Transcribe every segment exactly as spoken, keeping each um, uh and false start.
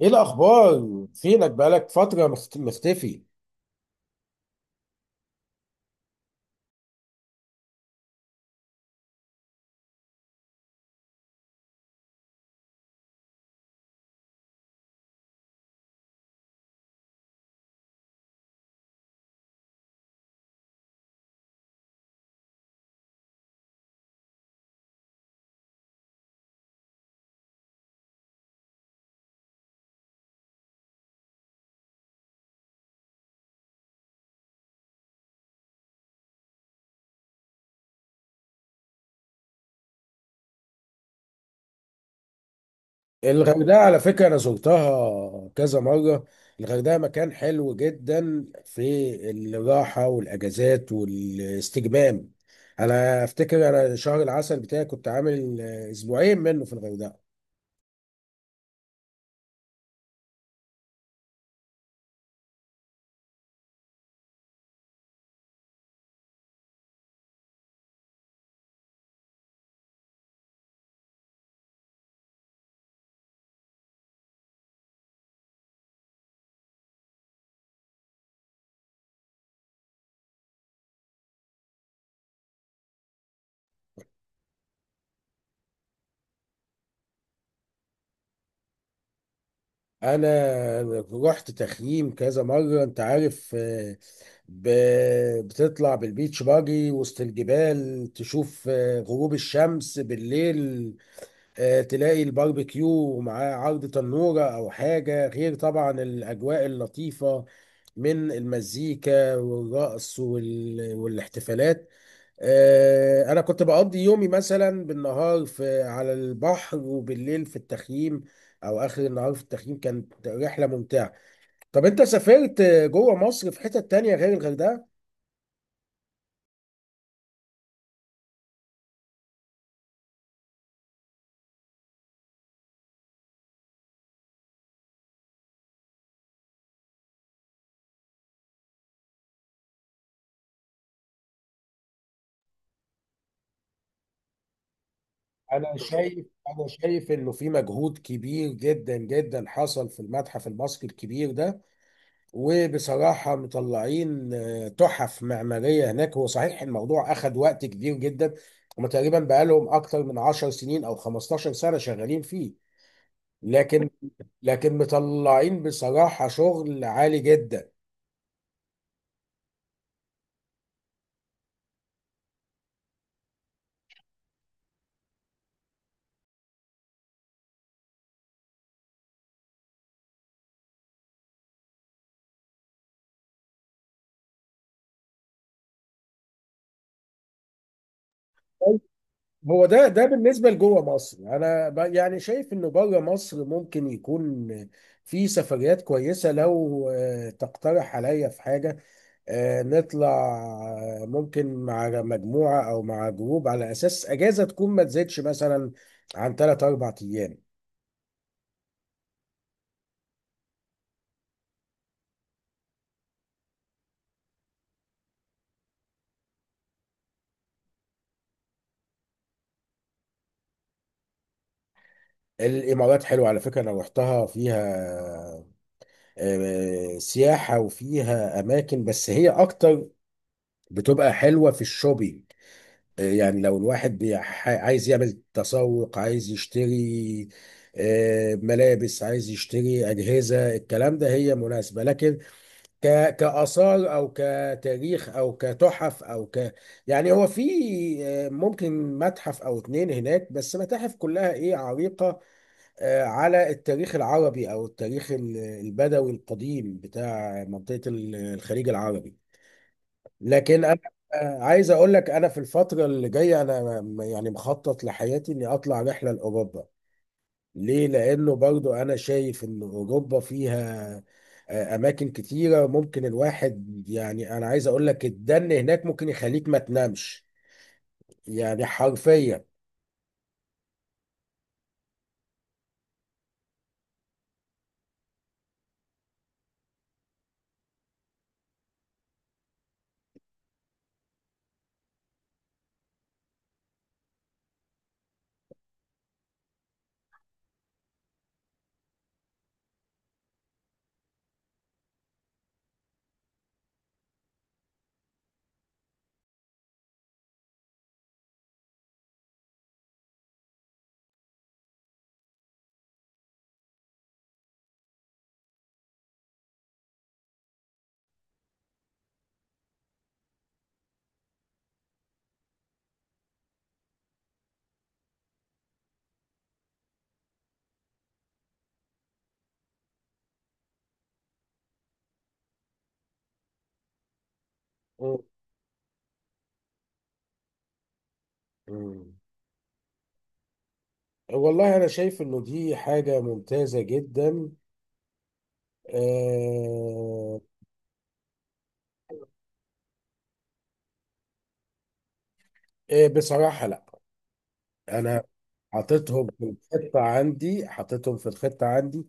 ايه الاخبار؟ فينك؟ بقالك فتره مخت- مختفي. الغردقه على فكره انا زرتها كذا مره. الغردقه مكان حلو جدا في الراحه والاجازات والاستجمام. انا افتكر انا شهر العسل بتاعي كنت عامل اسبوعين منه في الغردقه. انا رحت تخييم كذا مره. انت عارف، آه، ب- بتطلع بالبيتش باجي وسط الجبال، تشوف آه، غروب الشمس بالليل. آه، تلاقي الباربيكيو ومعاه عرض تنورة أو حاجة، غير طبعا الأجواء اللطيفة من المزيكا والرقص وال... والاحتفالات. آه، أنا كنت بقضي يومي مثلا بالنهار في على البحر، وبالليل في التخييم أو آخر النهار في التخييم. كانت رحلة ممتعة. طب أنت سافرت جوه مصر في حتة تانية غير الغردقة؟ أنا شايف أنا شايف إنه في مجهود كبير جدا جدا حصل في المتحف المصري الكبير ده. وبصراحة مطلعين آه، تحف معمارية هناك. هو صحيح الموضوع أخد وقت كبير جدا. هما تقريبا بقالهم أكتر من 10 سنين أو 15 سنة شغالين فيه. لكن لكن مطلعين بصراحة شغل عالي جدا. هو ده ده بالنسبة لجوه مصر. أنا ب- يعني شايف إنه بره مصر ممكن يكون في سفريات كويسة. لو آه، تقترح عليا في حاجة، آه، نطلع. آه، ممكن مع مجموعة أو مع جروب، على أساس أجازة تكون ما تزيدش مثلا عن ثلاثة أربع أيام. الإمارات حلوة على فكرة، أنا روحتها، فيها آه، سياحة وفيها أماكن، بس هي أكتر بتبقى حلوة في الشوبينج. آه، يعني لو الواحد بيح- عايز يعمل تسوق، عايز يشتري آه، ملابس، عايز يشتري أجهزة، الكلام ده هي مناسبة. لكن ك... كآثار أو كتاريخ أو كتحف أو ك يعني هو في آه، ممكن متحف أو اتنين هناك. بس متاحف كلها إيه، عريقة، آه، على التاريخ العربي أو التاريخ ال- البدوي القديم بتاع منطقة ال- الخليج العربي. لكن أنا آه، عايز أقول لك، أنا في الفترة اللي جاية، أنا م- يعني مخطط لحياتي إني أطلع رحلة لأوروبا. ليه؟ لانه برضو انا شايف ان اوروبا فيها آه، اماكن كتيره، ممكن الواحد، يعني انا عايز اقول لك الدن هناك ممكن يخليك ما تنامش يعني حرفيا. مم. مم. والله انا شايف انه دي حاجه ممتازه جدا. آه، آه، بصراحه لا. انا حاططهم في الخطه عندي، حاططهم في الخطه عندي،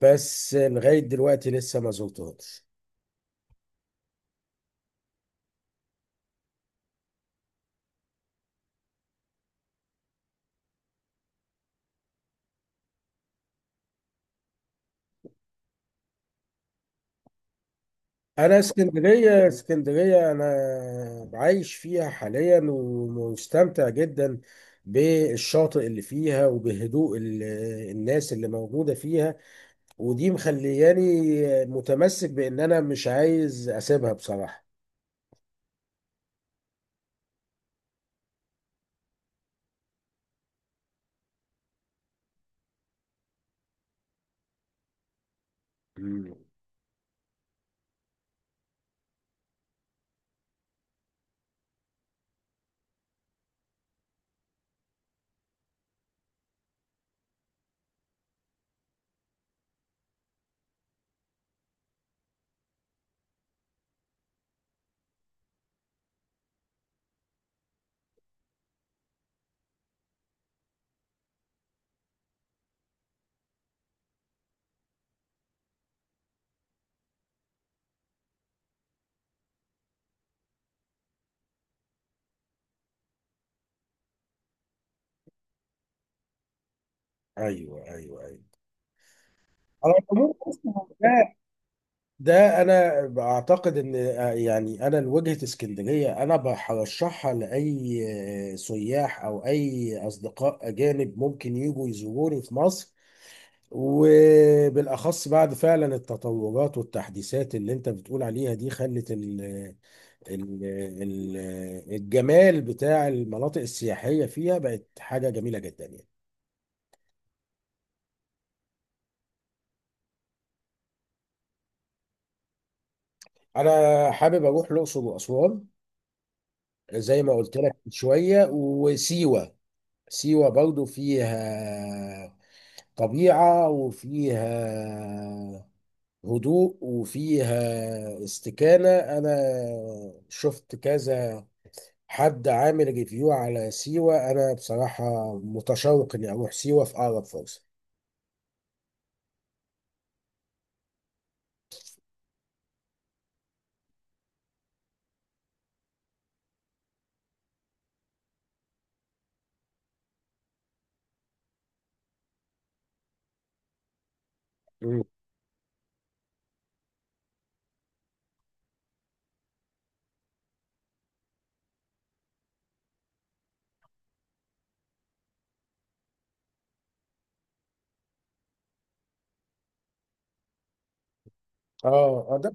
بس لغايه دلوقتي لسه ما زرتهمش. انا اسكندريه اسكندريه، انا عايش فيها حاليا ومستمتع جدا بالشاطئ اللي فيها، وبهدوء ال- الناس اللي موجوده فيها. ودي مخلياني متمسك بان انا مش عايز اسيبها بصراحه. مم. ايوه، ايوه، ايوه. على العموم أصلاً، ده انا بعتقد ان آه، يعني انا لوجهة اسكندرية انا برشحها لاي آه، سياح او اي اصدقاء اجانب ممكن يجوا يزوروني في مصر. وبالاخص بعد فعلا التطورات والتحديثات اللي انت بتقول عليها، دي خلت ال ال ال الجمال بتاع المناطق السياحية فيها بقت حاجة جميلة جدا يعني. انا حابب اروح الاقصر واسوان، زي ما قلت لك من شوية، وسيوة. سيوة برضو فيها طبيعة وفيها هدوء وفيها استكانة. أنا شفت كذا حد عامل ريفيو على سيوة. أنا بصراحة متشوق إني أروح سيوة في أقرب فرصة. مم. اه، آه، ده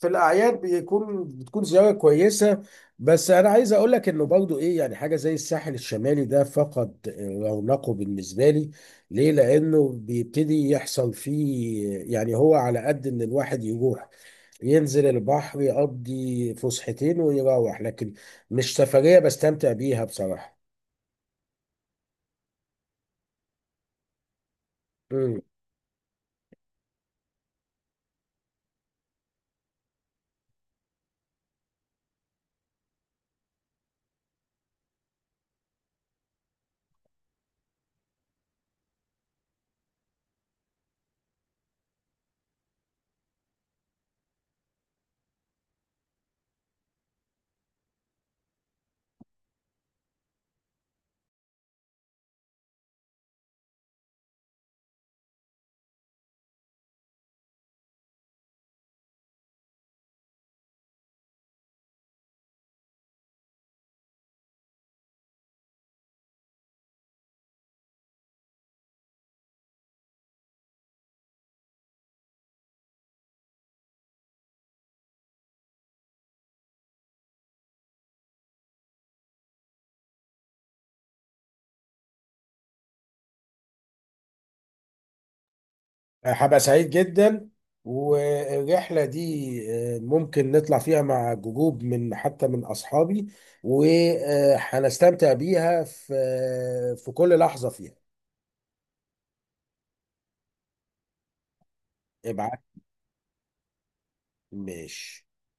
في الاعياد بيكون بتكون زياره كويسه. بس انا عايز اقول لك انه برضو ايه، يعني حاجه زي الساحل الشمالي ده فقد آه، رونقه بالنسبه لي. ليه؟ لانه بيبتدي يحصل فيه، يعني هو على قد ان الواحد يروح ينزل البحر يقضي فسحتين ويروح، لكن مش سفريه بستمتع بيها بصراحه. هبقى سعيد جدا، والرحلة دي آه، ممكن نطلع فيها مع جروب، من حتى من أصحابي، وهنستمتع بيها في آه، في كل لحظة فيها. ابعت. ماشي.